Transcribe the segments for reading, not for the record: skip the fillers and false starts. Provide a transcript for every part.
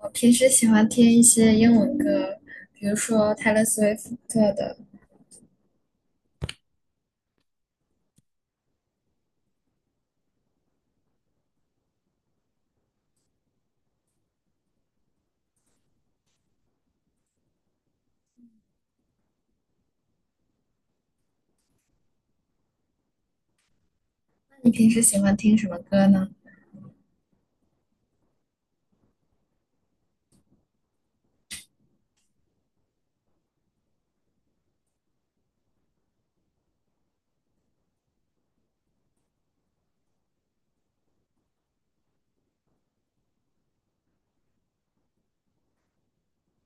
我平时喜欢听一些英文歌，比如说泰勒·斯威夫特的。那你平时喜欢听什么歌呢？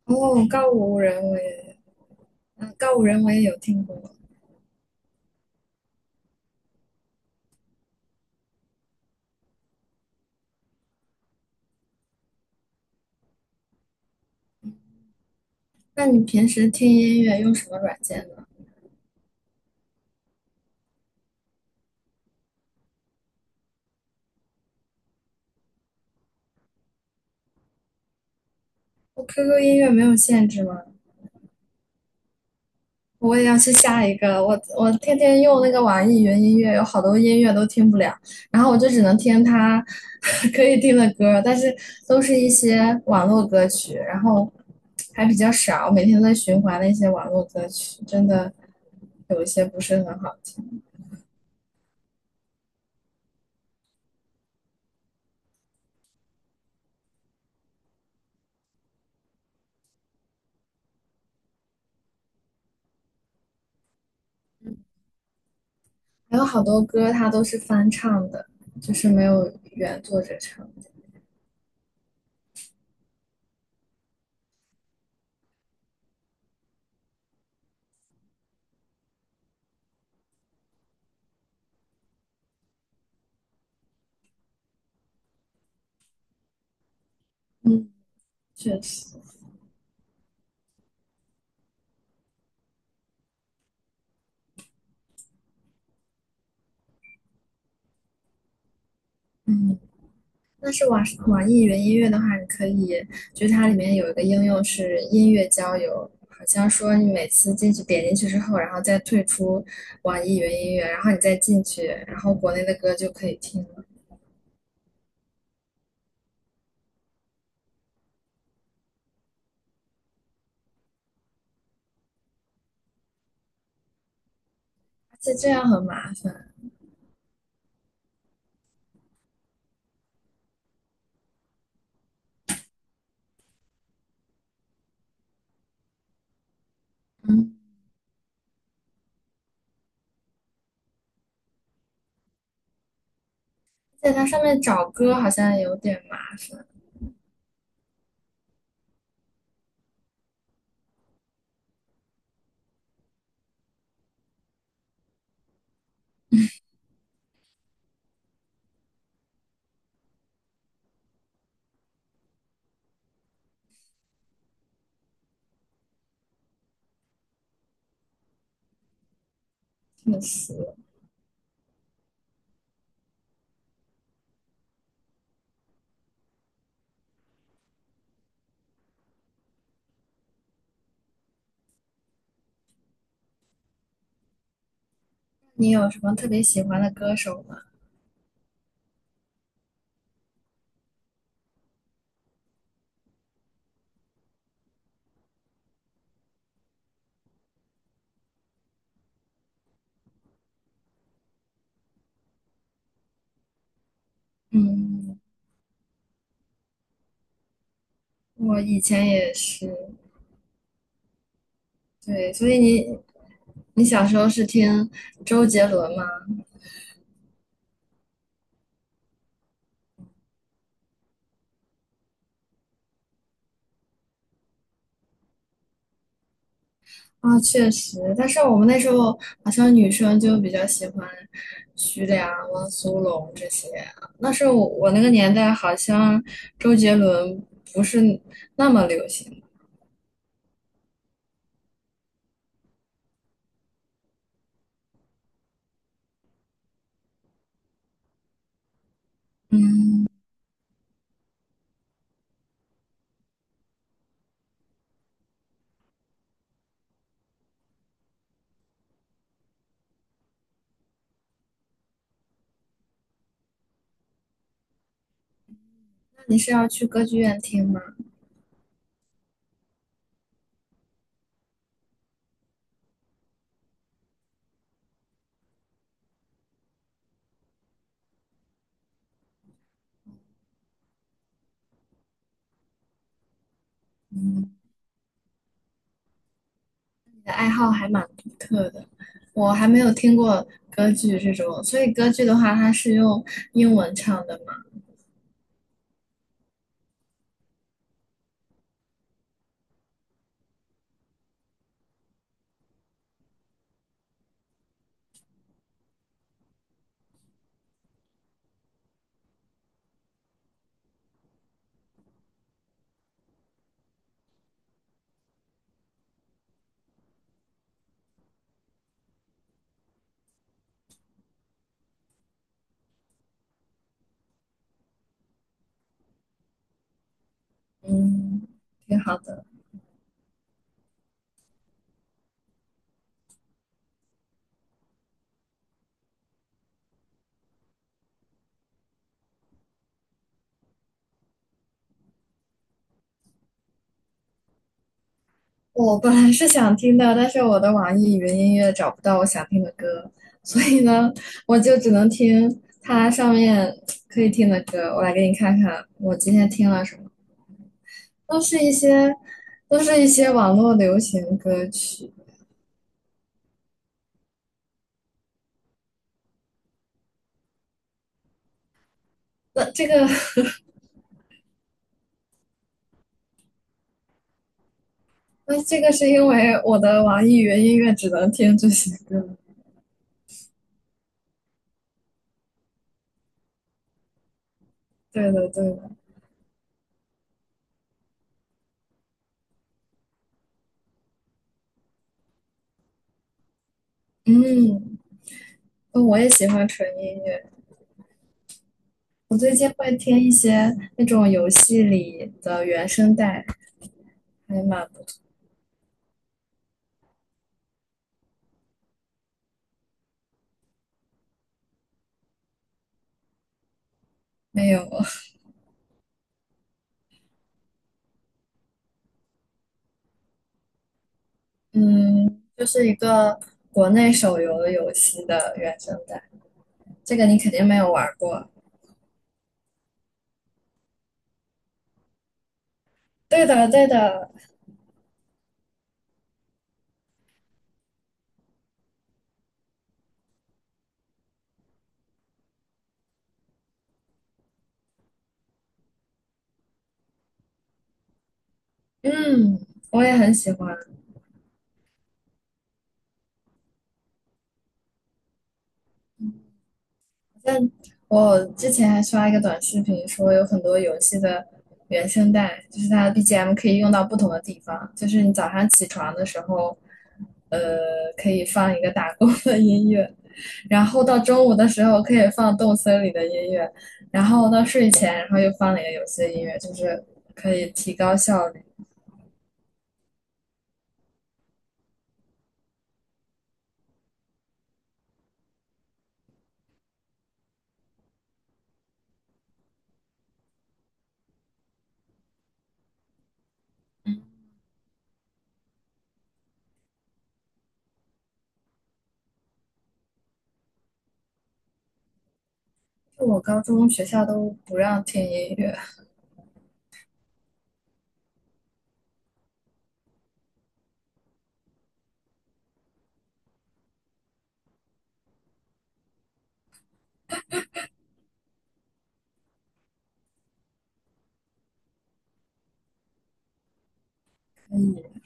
哦，告五人我也，嗯，告五人我也有听过。那你平时听音乐用什么软件呢？我 QQ 音乐没有限制吗？我也要去下一个，我天天用那个网易云音乐，有好多音乐都听不了，然后我就只能听它 可以听的歌，但是都是一些网络歌曲，然后还比较少，每天都在循环那些网络歌曲，真的有一些不是很好听，还有好多歌它都是翻唱的，就是没有原作者唱的。嗯，确实，嗯。但是网易云音乐的话，你可以，就是它里面有一个应用是音乐交友，好像说你每次进去点进去之后，然后再退出网易云音乐，然后你再进去，然后国内的歌就可以听了。而且这样很麻烦，嗯，在它上面找歌好像有点麻烦，确实。你有什么特别喜欢的歌手吗？嗯，我以前也是，对，所以你你小时候是听周杰伦吗？啊，确实，但是我们那时候好像女生就比较喜欢徐良、汪苏泷这些啊。那时候我那个年代好像周杰伦不是那么流行。嗯，那你是要去歌剧院听吗？嗯，你的爱好还蛮独特的，我还没有听过歌剧这种，所以歌剧的话，它是用英文唱的嘛。嗯，挺好的。我本来是想听的，但是我的网易云音乐找不到我想听的歌，所以呢，我就只能听它上面可以听的歌。我来给你看看，我今天听了什么，都是一些，都是一些网络流行歌曲。那这个 那这个是因为我的网易云音乐只能听这些歌。对的，对的，嗯，哦我也喜欢纯音乐。我最近会听一些那种游戏里的原声带，还蛮没有，嗯，就是一个国内手游游戏的原声带，这个你肯定没有玩过。对的，对的，嗯，我也很喜欢。但我之前还刷一个短视频，说有很多游戏的原声带，就是它的 BGM 可以用到不同的地方，就是你早上起床的时候，呃，可以放一个打工的音乐，然后到中午的时候可以放动森里的音乐，然后到睡前，然后又放了一个游戏的音乐，就是可以提高效率。就我高中学校都不让听音乐，所以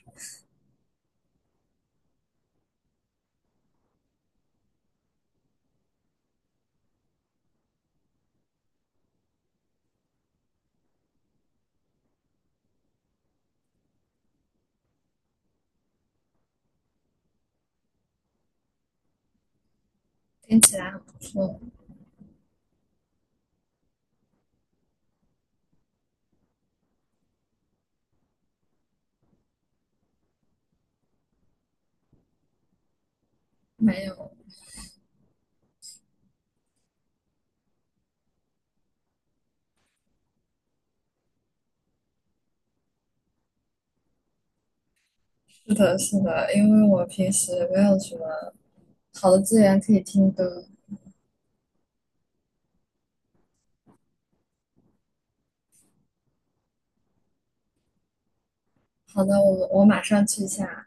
听起来很不错，没有是的，是的，因为我平时没有什么好的资源可以听歌。好的，我马上去一下，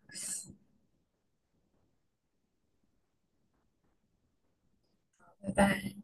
拜拜。